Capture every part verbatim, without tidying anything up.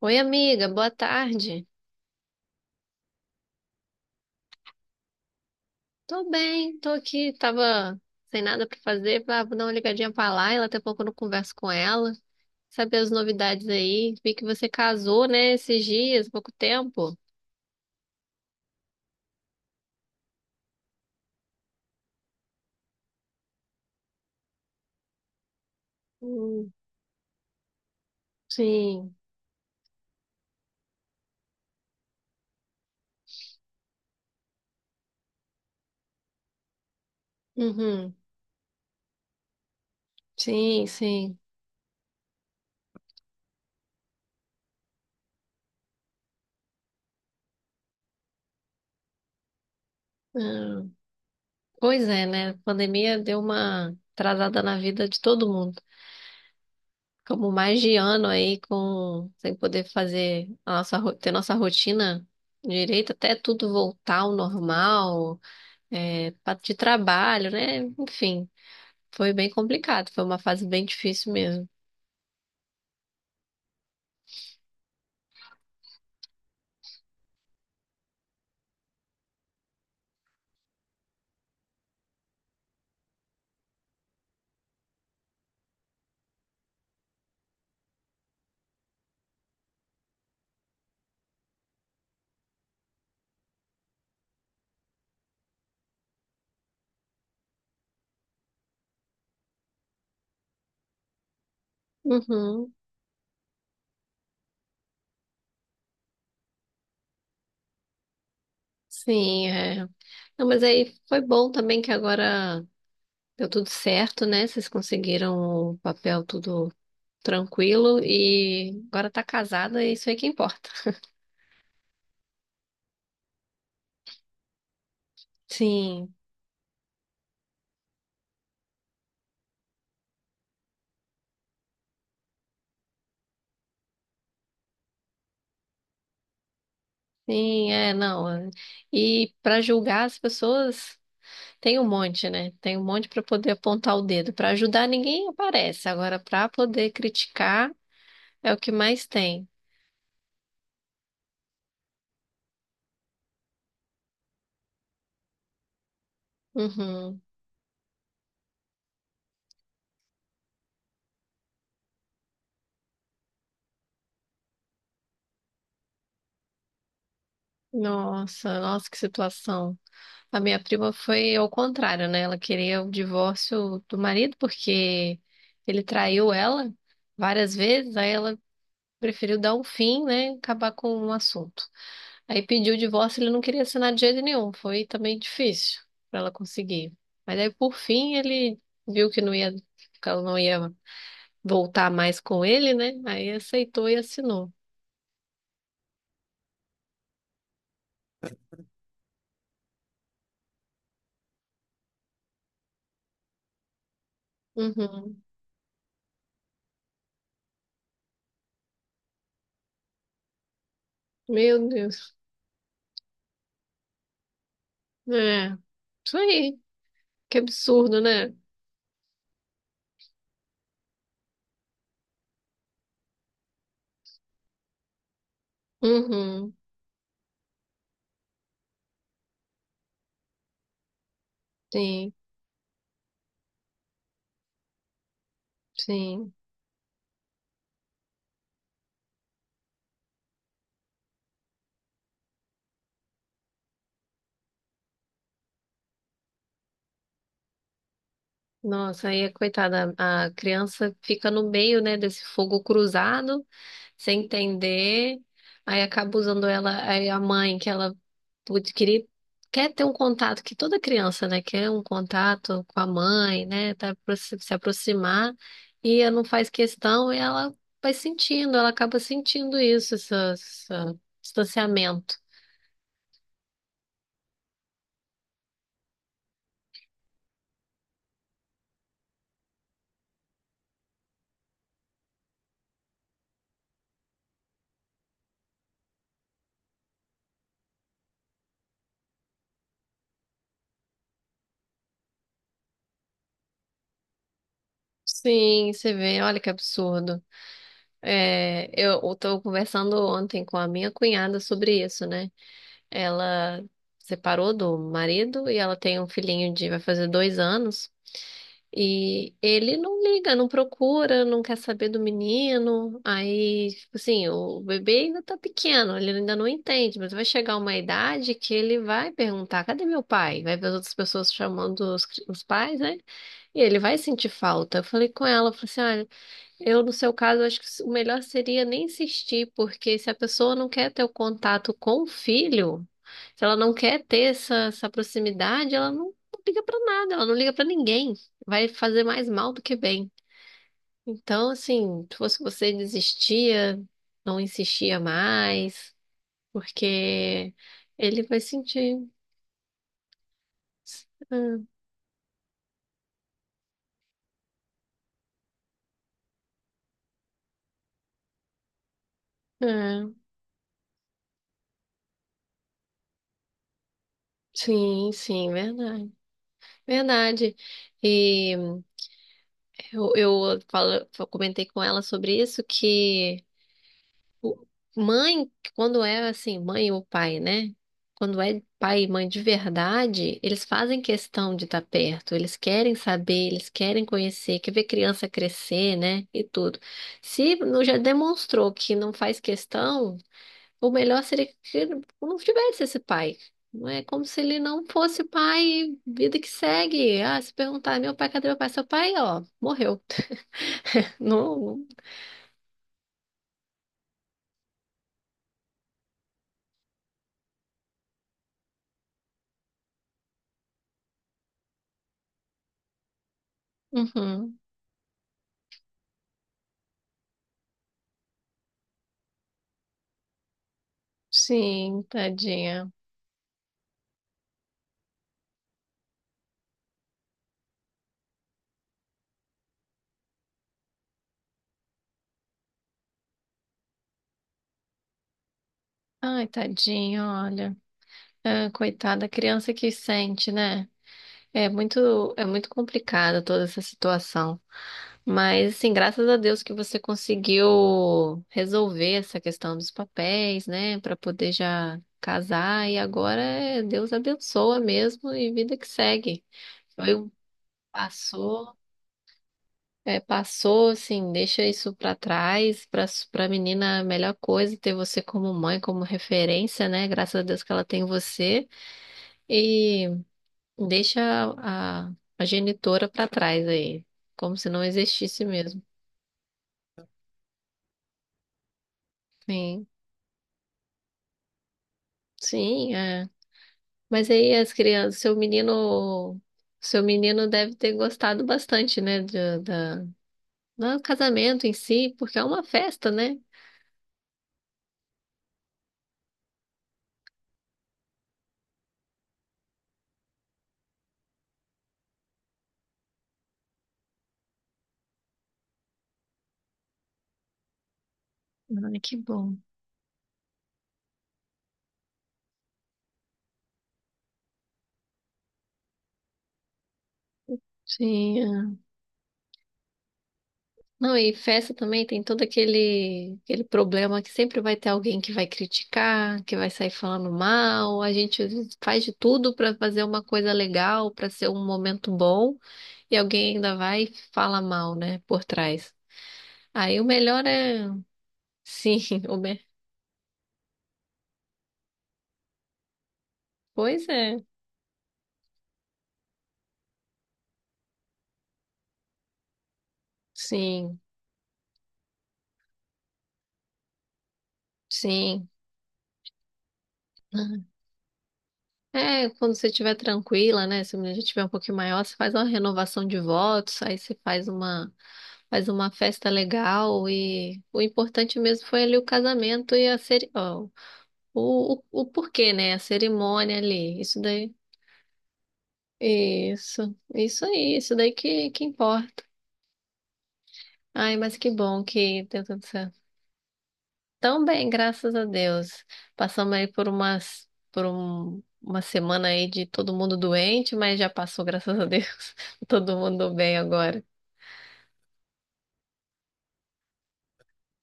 Oi, amiga, boa tarde. Tô bem, tô aqui, tava sem nada pra fazer, falei, ah, vou dar uma ligadinha pra Laila, até pouco eu não converso com ela, saber as novidades aí. Vi que você casou, né, esses dias, pouco tempo. Hum, sim. Uhum. Sim, sim. Ah, pois é, né, a pandemia deu uma atrasada na vida de todo mundo. Ficamos mais de ano aí com sem poder fazer a nossa ro- ter nossa rotina direito até tudo voltar ao normal. É, pa- de trabalho, né? Enfim, foi bem complicado, foi uma fase bem difícil mesmo. Uhum, sim, é. Não, mas aí foi bom também que agora deu tudo certo, né? Vocês conseguiram o papel tudo tranquilo e agora tá casada e isso aí que importa. Sim, sim, é, não. É. E para julgar as pessoas tem um monte, né? Tem um monte para poder apontar o dedo. Para ajudar ninguém aparece. Agora, para poder criticar. É o que mais tem. Uhum. Nossa, nossa, que situação. A minha prima foi ao contrário, né? Ela queria o divórcio do marido porque ele traiu ela várias vezes, aí ela preferiu dar um fim, né? Acabar com o assunto. Aí pediu o divórcio, ele não queria assinar de jeito nenhum. Foi também difícil para ela conseguir. Mas aí, por fim, ele viu que não ia, que ela não ia voltar mais com ele, né? Aí aceitou e assinou. Uhum. Meu Deus. É, isso aí. Que absurdo, né? Uhum, sim, sim. Nossa, aí, coitada, a criança fica no meio, né, desse fogo cruzado, sem entender. Aí acaba usando ela, aí a mãe, que ela putz, queria, quer ter um contato, que toda criança, né, quer um contato com a mãe, né, tá, pro- se se aproximar, e ela não faz questão, e ela vai sentindo, ela acaba sentindo isso, essa- essa- esse distanciamento. Sim, você vê, olha que absurdo. É, eu estou conversando ontem com a minha cunhada sobre isso, né? Ela separou do marido e ela tem um filhinho de, vai fazer dois anos. E ele não liga, não procura, não quer saber do menino. Aí, tipo assim, o bebê ainda tá pequeno, ele ainda não entende, mas vai chegar uma idade que ele vai perguntar: cadê meu pai? Vai ver as outras pessoas chamando os, os pais, né? E ele vai sentir falta. Eu falei com ela, eu falei assim: eu, no seu caso, acho que o melhor seria nem insistir, porque se a pessoa não quer ter o contato com o filho, se ela não quer ter essa, essa proximidade, ela não liga pra nada, ela não liga pra ninguém. Vai fazer mais mal do que bem. Então, assim, se fosse você, desistia, não insistia mais, porque ele vai sentir. Ah, ah, sim, sim, verdade. Verdade. E. Eu, eu falo- eu comentei com ela sobre isso, que o- mãe, quando é assim, mãe ou pai, né? Quando é pai e mãe de verdade, eles fazem questão de estar perto, eles querem saber, eles querem conhecer, quer ver criança crescer, né? E tudo. Se não- Já demonstrou que não faz questão, o melhor seria que não tivesse esse pai. Não é como se ele não fosse pai, vida que segue. Ah, se perguntar, meu pai, cadê meu pai? Seu pai, ó, morreu. Não. Uhum. Sim, tadinha. Ai, tadinha, olha. Ah, coitada, a criança que sente, né? É muito, é muito complicada toda essa situação. Mas, assim, graças a Deus que você conseguiu resolver essa questão dos papéis, né? Pra poder já casar. E agora é Deus abençoa mesmo e vida que segue. Foi um Passou. É, passou, assim, deixa isso pra trás. Pra, su- pra menina, a melhor coisa é ter você como mãe, como referência, né? Graças a Deus que ela tem você. E deixa a, a genitora pra trás aí, como se não existisse mesmo. Sim, sim, é. Mas aí as crianças, seu menino, seu menino deve ter gostado bastante, né? de- da, do casamento em si, porque é uma festa, né? Ai, que bom. Sim. Não, e festa também tem todo aquele, aquele problema que sempre vai ter alguém que vai criticar, que vai sair falando mal. A gente faz de tudo para fazer uma coisa legal, para ser um momento bom, e alguém ainda vai e fala mal, né, por trás. Aí o melhor é. Sim, o me... pois é. Sim, sim. É, quando você estiver tranquila, né? Se a mulher já estiver um pouquinho maior, você faz uma renovação de votos, aí você faz uma faz uma festa legal e o importante mesmo foi ali o casamento e a ceri... ó, o, o, o porquê, né? A cerimônia ali, isso daí, isso, isso aí, isso daí que, que importa. Ai, mas que bom que deu tudo certo. Tão bem, graças a Deus. Passamos aí por umas, por um, uma semana aí de todo mundo doente, mas já passou, graças a Deus. Todo mundo bem agora.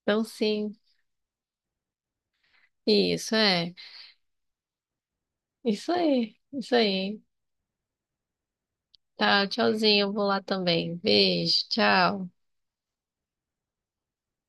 Então, sim, isso é, isso aí, isso aí. Tá, tchauzinho, eu vou lá também. Beijo, tchau.